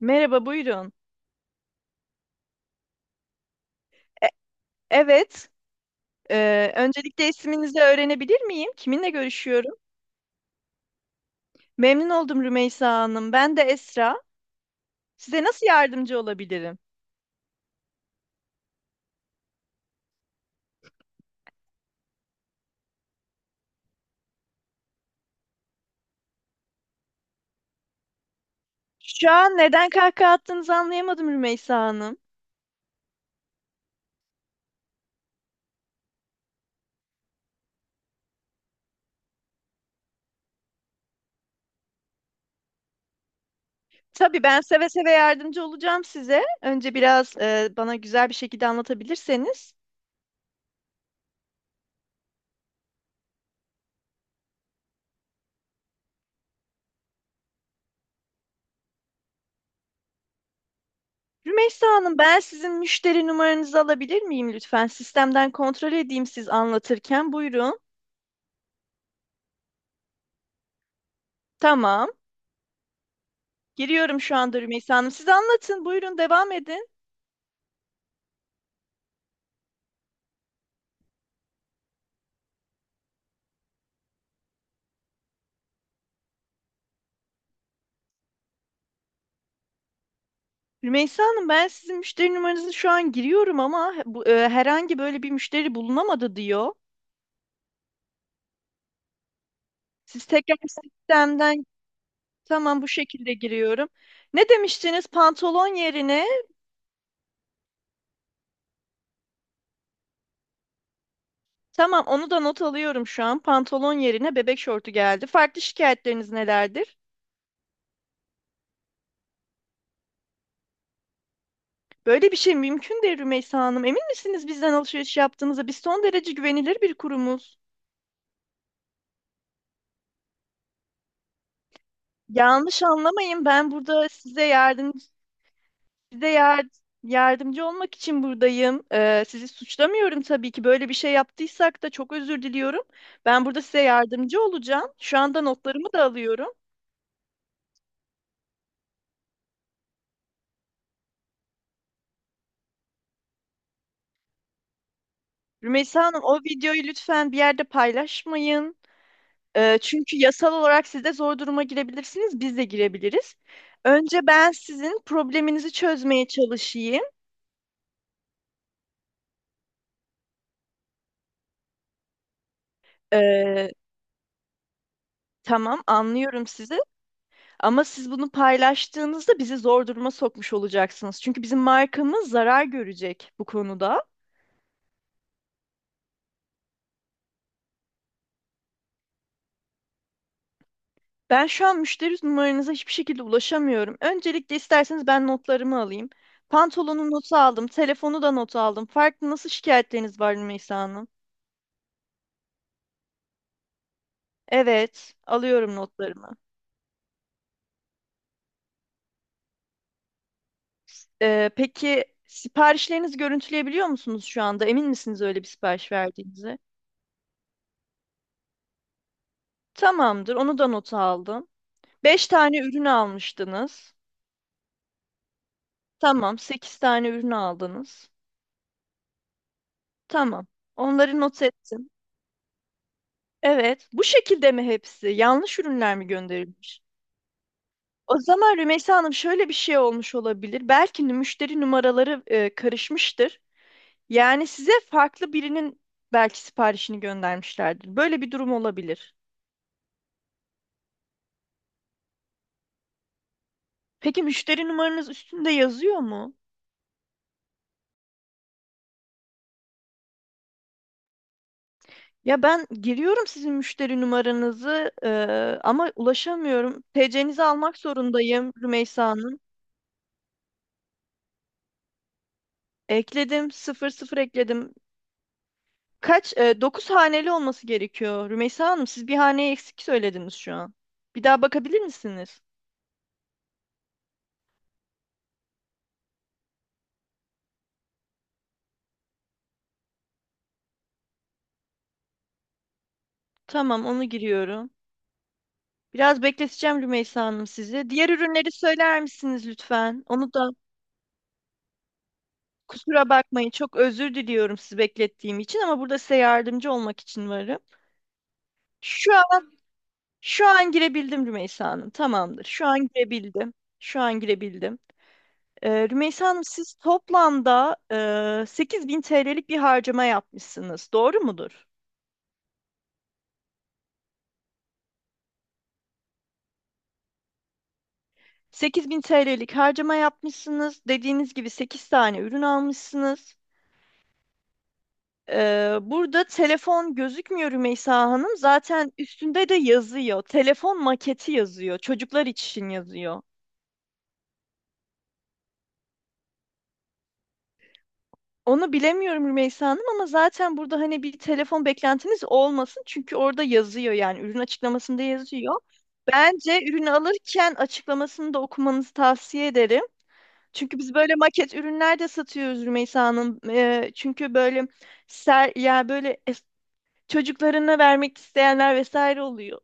Merhaba, buyurun. E- evet, öncelikle isminizi öğrenebilir miyim? Kiminle görüşüyorum? Memnun oldum Rümeysa Hanım. Ben de Esra. Size nasıl yardımcı olabilirim? Şu an neden kahkaha attığınızı anlayamadım Rümeysa Hanım. Tabii ben seve seve yardımcı olacağım size. Önce biraz bana güzel bir şekilde anlatabilirseniz. Rümeysa Hanım, ben sizin müşteri numaranızı alabilir miyim lütfen? Sistemden kontrol edeyim siz anlatırken. Buyurun. Tamam. Giriyorum şu anda Rümeysa Hanım. Siz anlatın, buyurun devam edin. Rümeysa Hanım, ben sizin müşteri numaranızı şu an giriyorum ama herhangi böyle bir müşteri bulunamadı diyor. Siz tekrar sistemden. Tamam, bu şekilde giriyorum. Ne demiştiniz? Pantolon yerine. Tamam, onu da not alıyorum şu an. Pantolon yerine bebek şortu geldi. Farklı şikayetleriniz nelerdir? Böyle bir şey mümkün değil Rümeysa Hanım. Emin misiniz bizden alışveriş yaptığınıza? Biz son derece güvenilir bir kurumuz. Yanlış anlamayın. Ben burada size yardım Size yar- yardımcı olmak için buradayım. Sizi suçlamıyorum tabii ki. Böyle bir şey yaptıysak da çok özür diliyorum. Ben burada size yardımcı olacağım. Şu anda notlarımı da alıyorum. Rümeysa Hanım, o videoyu lütfen bir yerde paylaşmayın. Çünkü yasal olarak siz de zor duruma girebilirsiniz, biz de girebiliriz. Önce ben sizin probleminizi çözmeye çalışayım. Ee, tamam, anlıyorum sizi. Ama siz bunu paylaştığınızda bizi zor duruma sokmuş olacaksınız. Çünkü bizim markamız zarar görecek bu konuda. Ben şu an müşteri numaranıza hiçbir şekilde ulaşamıyorum. Öncelikle isterseniz ben notlarımı alayım. Pantolonun notu aldım, telefonu da not aldım. Farklı nasıl şikayetleriniz var Rümeysa Hanım? Evet, alıyorum notlarımı. Peki siparişlerinizi görüntüleyebiliyor musunuz şu anda? Emin misiniz öyle bir sipariş verdiğinize? Tamamdır, onu da nota aldım. Beş tane ürün almıştınız. Tamam, 8 tane ürün aldınız. Tamam. Onları not ettim. Evet. Bu şekilde mi hepsi? Yanlış ürünler mi gönderilmiş? O zaman Rümeysa Hanım şöyle bir şey olmuş olabilir. Belki de müşteri numaraları karışmıştır. Yani size farklı birinin belki siparişini göndermişlerdir. Böyle bir durum olabilir. Peki müşteri numaranız üstünde yazıyor mu? Ya ben giriyorum sizin müşteri numaranızı ama ulaşamıyorum. TC'nizi almak zorundayım Rümeysa Hanım. Ekledim. Sıfır sıfır ekledim. Kaç? Dokuz haneli olması gerekiyor. Rümeysa Hanım siz bir haneyi eksik söylediniz şu an. Bir daha bakabilir misiniz? Tamam onu giriyorum. Biraz bekleteceğim Rümeysa Hanım sizi. Diğer ürünleri söyler misiniz lütfen? Onu da kusura bakmayın. Çok özür diliyorum sizi beklettiğim için ama burada size yardımcı olmak için varım. Şu an, şu an girebildim Rümeysa Hanım. Tamamdır. Şu an girebildim. Şu an girebildim. Rümeysa Hanım siz toplamda 8000 TL'lik bir harcama yapmışsınız. Doğru mudur? 8000 TL'lik harcama yapmışsınız. Dediğiniz gibi 8 tane ürün almışsınız. Burada telefon gözükmüyor Rümeysa Hanım. Zaten üstünde de yazıyor. Telefon maketi yazıyor. Çocuklar için yazıyor. Onu bilemiyorum Rümeysa Hanım ama zaten burada hani bir telefon beklentiniz olmasın. Çünkü orada yazıyor yani ürün açıklamasında yazıyor. Bence ürünü alırken açıklamasını da okumanızı tavsiye ederim. Çünkü biz böyle maket ürünler de satıyoruz Rümeysa Hanım. Çünkü böyle ser, ya böyle es- çocuklarına vermek isteyenler vesaire oluyor.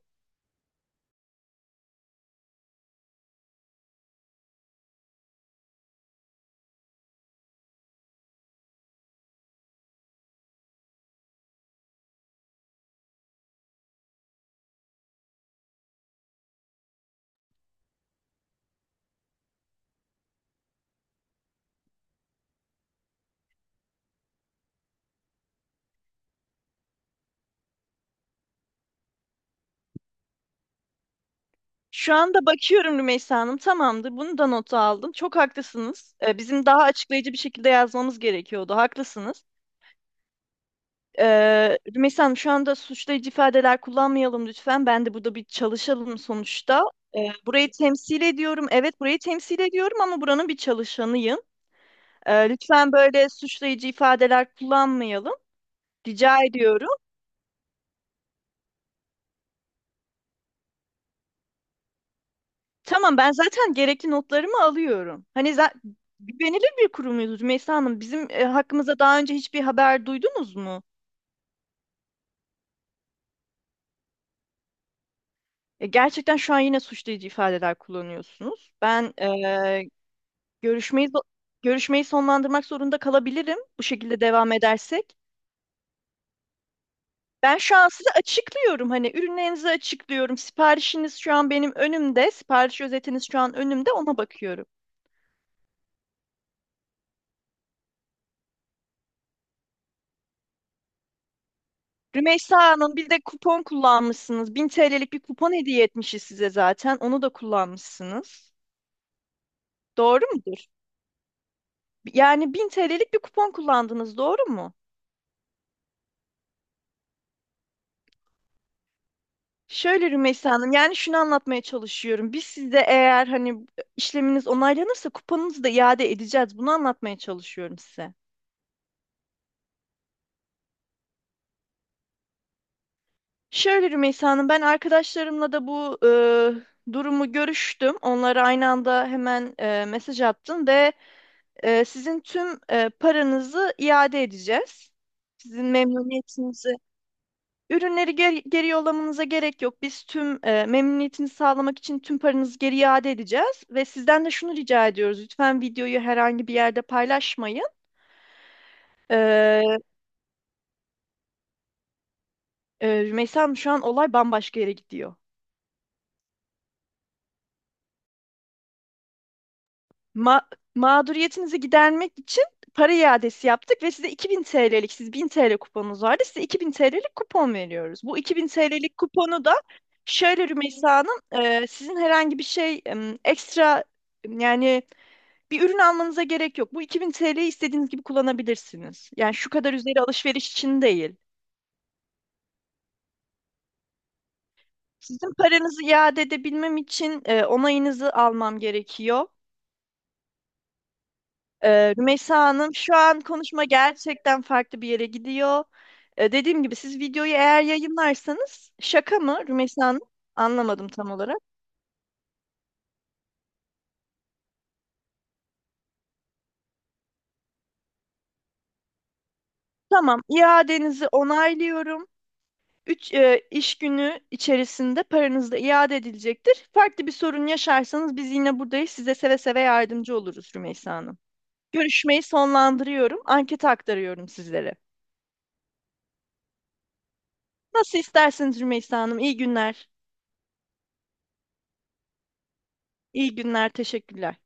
Şu anda bakıyorum Rümeysa Hanım. Tamamdır. Bunu da nota aldım. Çok haklısınız. Bizim daha açıklayıcı bir şekilde yazmamız gerekiyordu. Haklısınız. Rümeysa Hanım şu anda suçlayıcı ifadeler kullanmayalım lütfen. Ben de burada bir çalışalım sonuçta. Burayı temsil ediyorum. Evet burayı temsil ediyorum ama buranın bir çalışanıyım. Lütfen böyle suçlayıcı ifadeler kullanmayalım. Rica ediyorum. Tamam ben zaten gerekli notlarımı alıyorum. Güvenilir bir kurumuyuz Rümeysa Hanım. Bizim hakkımızda daha önce hiçbir haber duydunuz mu? Gerçekten şu an yine suçlayıcı ifadeler kullanıyorsunuz. Ben e, Görüşmeyi zo- görüşmeyi sonlandırmak zorunda kalabilirim bu şekilde devam edersek. Ben şu an size açıklıyorum hani ürünlerinizi açıklıyorum. Siparişiniz şu an benim önümde. Sipariş özetiniz şu an önümde ona bakıyorum. Rümeysa Hanım bir de kupon kullanmışsınız. 1000 TL'lik bir kupon hediye etmişiz size zaten. Onu da kullanmışsınız. Doğru mudur? Yani 1000 TL'lik bir kupon kullandınız, doğru mu? Şöyle Rümeysa Hanım, yani şunu anlatmaya çalışıyorum. Biz sizde eğer hani işleminiz onaylanırsa kupanızı da iade edeceğiz. Bunu anlatmaya çalışıyorum size. Şöyle Rümeysa Hanım, ben arkadaşlarımla da bu durumu görüştüm. Onlara aynı anda hemen mesaj attım ve sizin tüm paranızı iade edeceğiz. Sizin memnuniyetinizi Ürünleri geri yollamanıza gerek yok. Biz tüm memnuniyetini sağlamak için tüm paranızı geri iade edeceğiz. Ve sizden de şunu rica ediyoruz. Lütfen videoyu herhangi bir yerde paylaşmayın. Ee, Rümeysa Hanım şu an olay bambaşka yere gidiyor. Ma- mağduriyetinizi gidermek için para iadesi yaptık ve size 2000 TL'lik, siz 1000 TL kuponunuz vardı. Size 2000 TL'lik kupon veriyoruz. Bu 2000 TL'lik kuponu da şöyle Rümeysa Hanım, sizin herhangi bir şey ekstra... Yani bir ürün almanıza gerek yok. Bu 2000 TL'yi istediğiniz gibi kullanabilirsiniz. Yani şu kadar üzeri alışveriş için değil. Sizin paranızı iade edebilmem için onayınızı almam gerekiyor. Rümeysa Hanım şu an konuşma gerçekten farklı bir yere gidiyor. Dediğim gibi siz videoyu eğer yayınlarsanız şaka mı Rümeysa Hanım? Anlamadım tam olarak. Tamam, iadenizi onaylıyorum. 3 iş günü içerisinde paranız da iade edilecektir. Farklı bir sorun yaşarsanız biz yine buradayız. Size seve seve yardımcı oluruz Rümeysa Hanım. Görüşmeyi sonlandırıyorum. Anketi aktarıyorum sizlere. Nasıl isterseniz Rümeysa Hanım. İyi günler. İyi günler. Teşekkürler.